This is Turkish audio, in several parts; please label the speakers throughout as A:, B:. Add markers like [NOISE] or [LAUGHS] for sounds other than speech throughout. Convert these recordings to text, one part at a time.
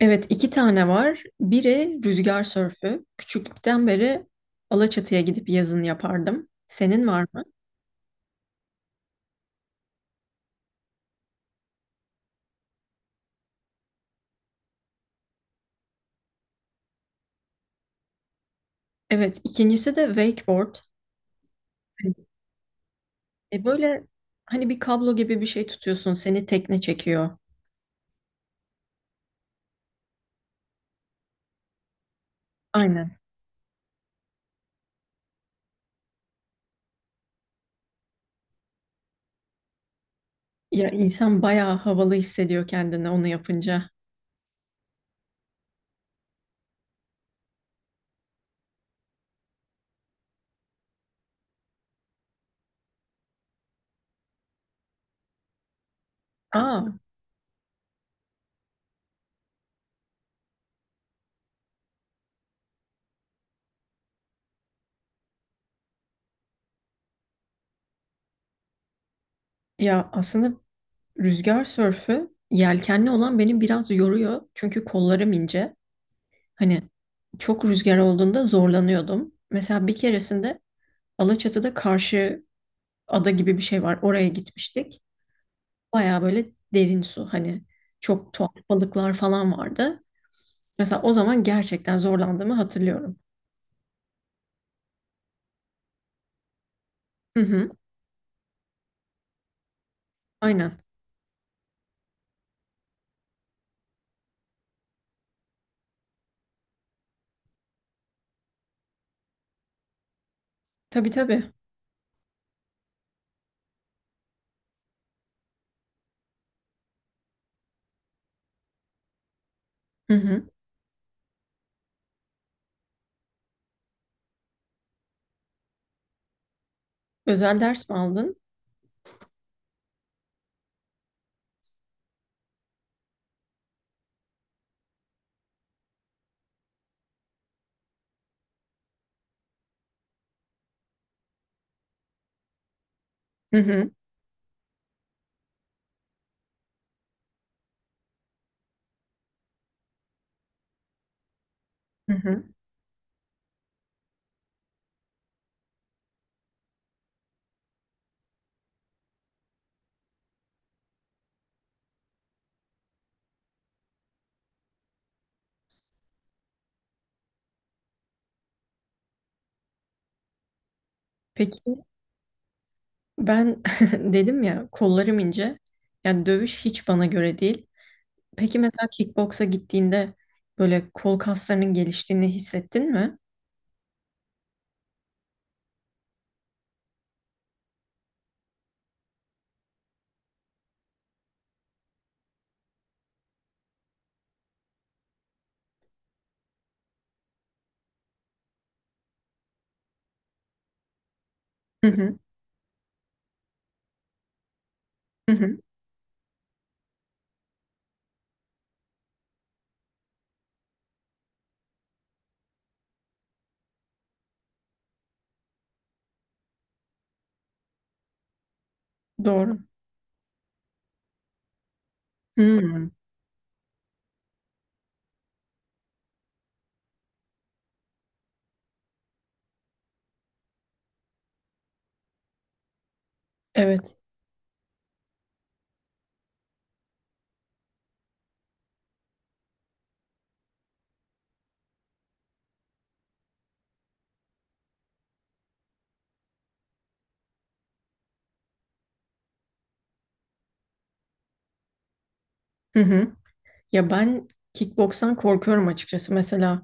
A: Evet, iki tane var. Biri rüzgar sörfü. Küçüklükten beri Alaçatı'ya gidip yazın yapardım. Senin var mı? Evet, ikincisi de wakeboard. Böyle hani bir kablo gibi bir şey tutuyorsun, seni tekne çekiyor. Aynen. Ya insan bayağı havalı hissediyor kendini onu yapınca. Aa, ya aslında rüzgar sörfü yelkenli olan beni biraz yoruyor. Çünkü kollarım ince. Hani çok rüzgar olduğunda zorlanıyordum. Mesela bir keresinde Alaçatı'da karşı ada gibi bir şey var. Oraya gitmiştik. Baya böyle derin su. Hani çok tuhaf balıklar falan vardı. Mesela o zaman gerçekten zorlandığımı hatırlıyorum. Hı hı, aynen. Tabii tabii. Hı hı. Özel ders mi aldın? Hı hı, hı hı. Peki ben [LAUGHS] dedim ya kollarım ince. Yani dövüş hiç bana göre değil. Peki mesela kickboksa gittiğinde böyle kol kaslarının geliştiğini hissettin mi? Hı hı, hı hı. Doğru. Hmm, evet. Hı hı. Ya ben kickbokstan korkuyorum açıkçası. Mesela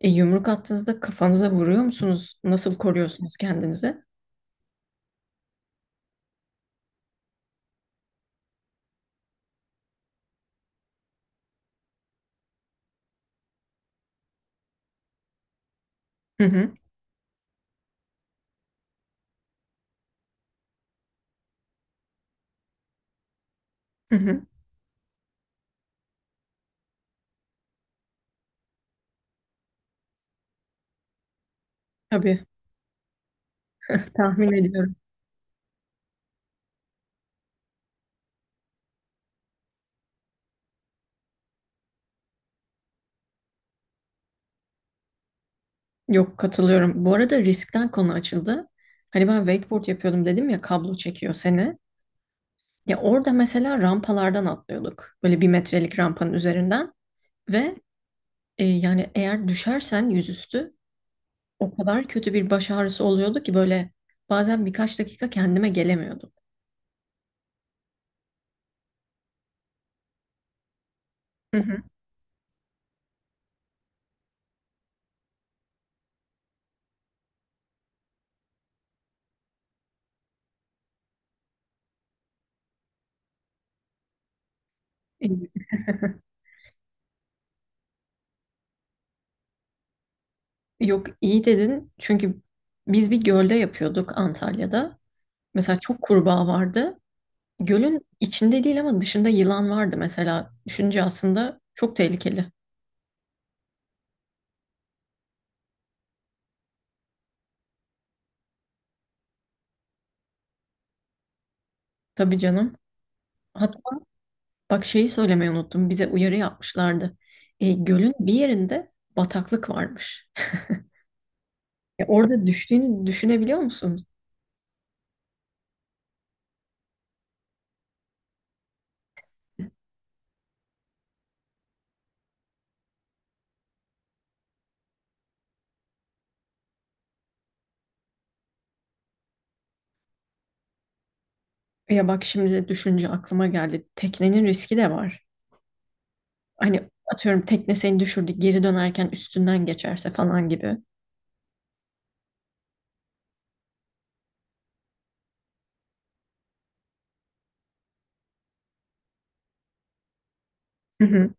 A: yumruk attığınızda kafanıza vuruyor musunuz? Nasıl koruyorsunuz kendinizi? Hı hı, hı hı. Tabii, tahmin ediyorum. Yok, katılıyorum. Bu arada riskten konu açıldı. Hani ben wakeboard yapıyordum dedim ya kablo çekiyor seni. Ya orada mesela rampalardan atlıyorduk. Böyle bir metrelik rampanın üzerinden. Ve yani eğer düşersen yüzüstü o kadar kötü bir baş ağrısı oluyordu ki böyle bazen birkaç dakika kendime gelemiyordum. Hı hı. İyi. [LAUGHS] Yok, iyi dedin çünkü biz bir gölde yapıyorduk Antalya'da. Mesela çok kurbağa vardı. Gölün içinde değil ama dışında yılan vardı mesela. Düşünce aslında çok tehlikeli. Tabii canım. Hatta bak şeyi söylemeyi unuttum. Bize uyarı yapmışlardı. Gölün bir yerinde bataklık varmış. Orada düştüğünü düşünebiliyor musun? Ya bak şimdi düşünce aklıma geldi. Teknenin riski de var. Hani atıyorum tekne seni düşürdü geri dönerken üstünden geçerse falan gibi. Hı hı.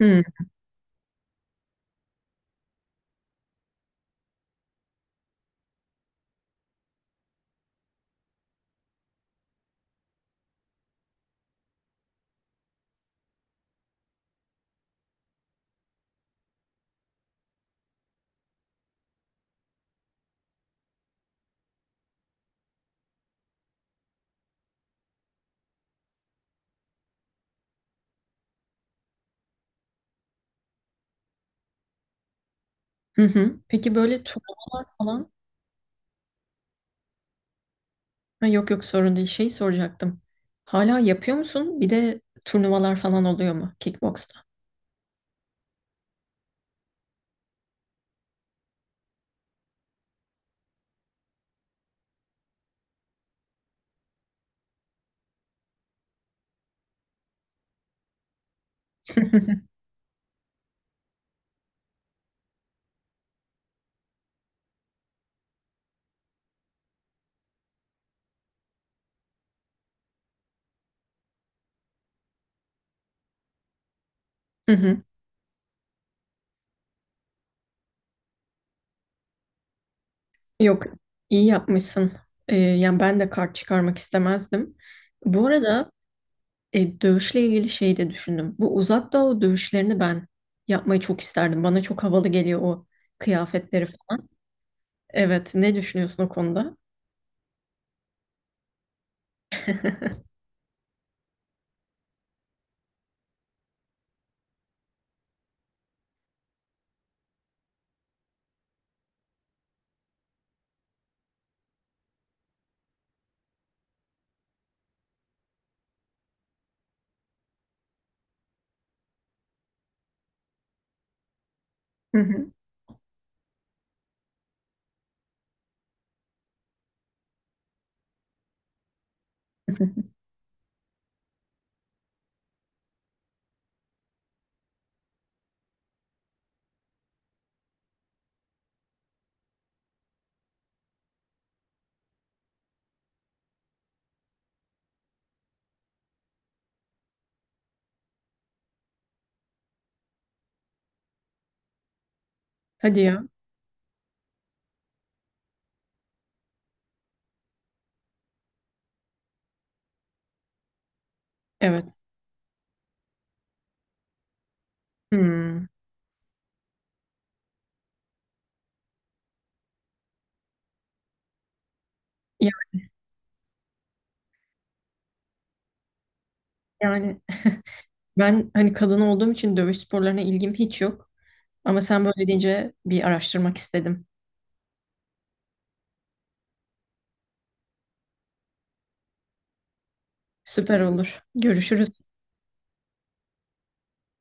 A: Hı hı. Hı. Peki böyle turnuvalar falan. Ha, yok yok, sorun değil. Şey soracaktım. Hala yapıyor musun? Bir de turnuvalar falan oluyor mu kickboksta? [LAUGHS] Hı hı. Yok, iyi yapmışsın. Yani ben de kart çıkarmak istemezdim. Bu arada dövüşle ilgili şey de düşündüm. Bu uzak doğu dövüşlerini ben yapmayı çok isterdim. Bana çok havalı geliyor o kıyafetleri falan. Evet, ne düşünüyorsun o konuda? Hı hı. [LAUGHS] Hadi ya. Evet. Hmm. Ya- Yani [LAUGHS] ben hani kadın olduğum için dövüş sporlarına ilgim hiç yok. Ama sen böyle deyince bir araştırmak istedim. Süper olur. Görüşürüz.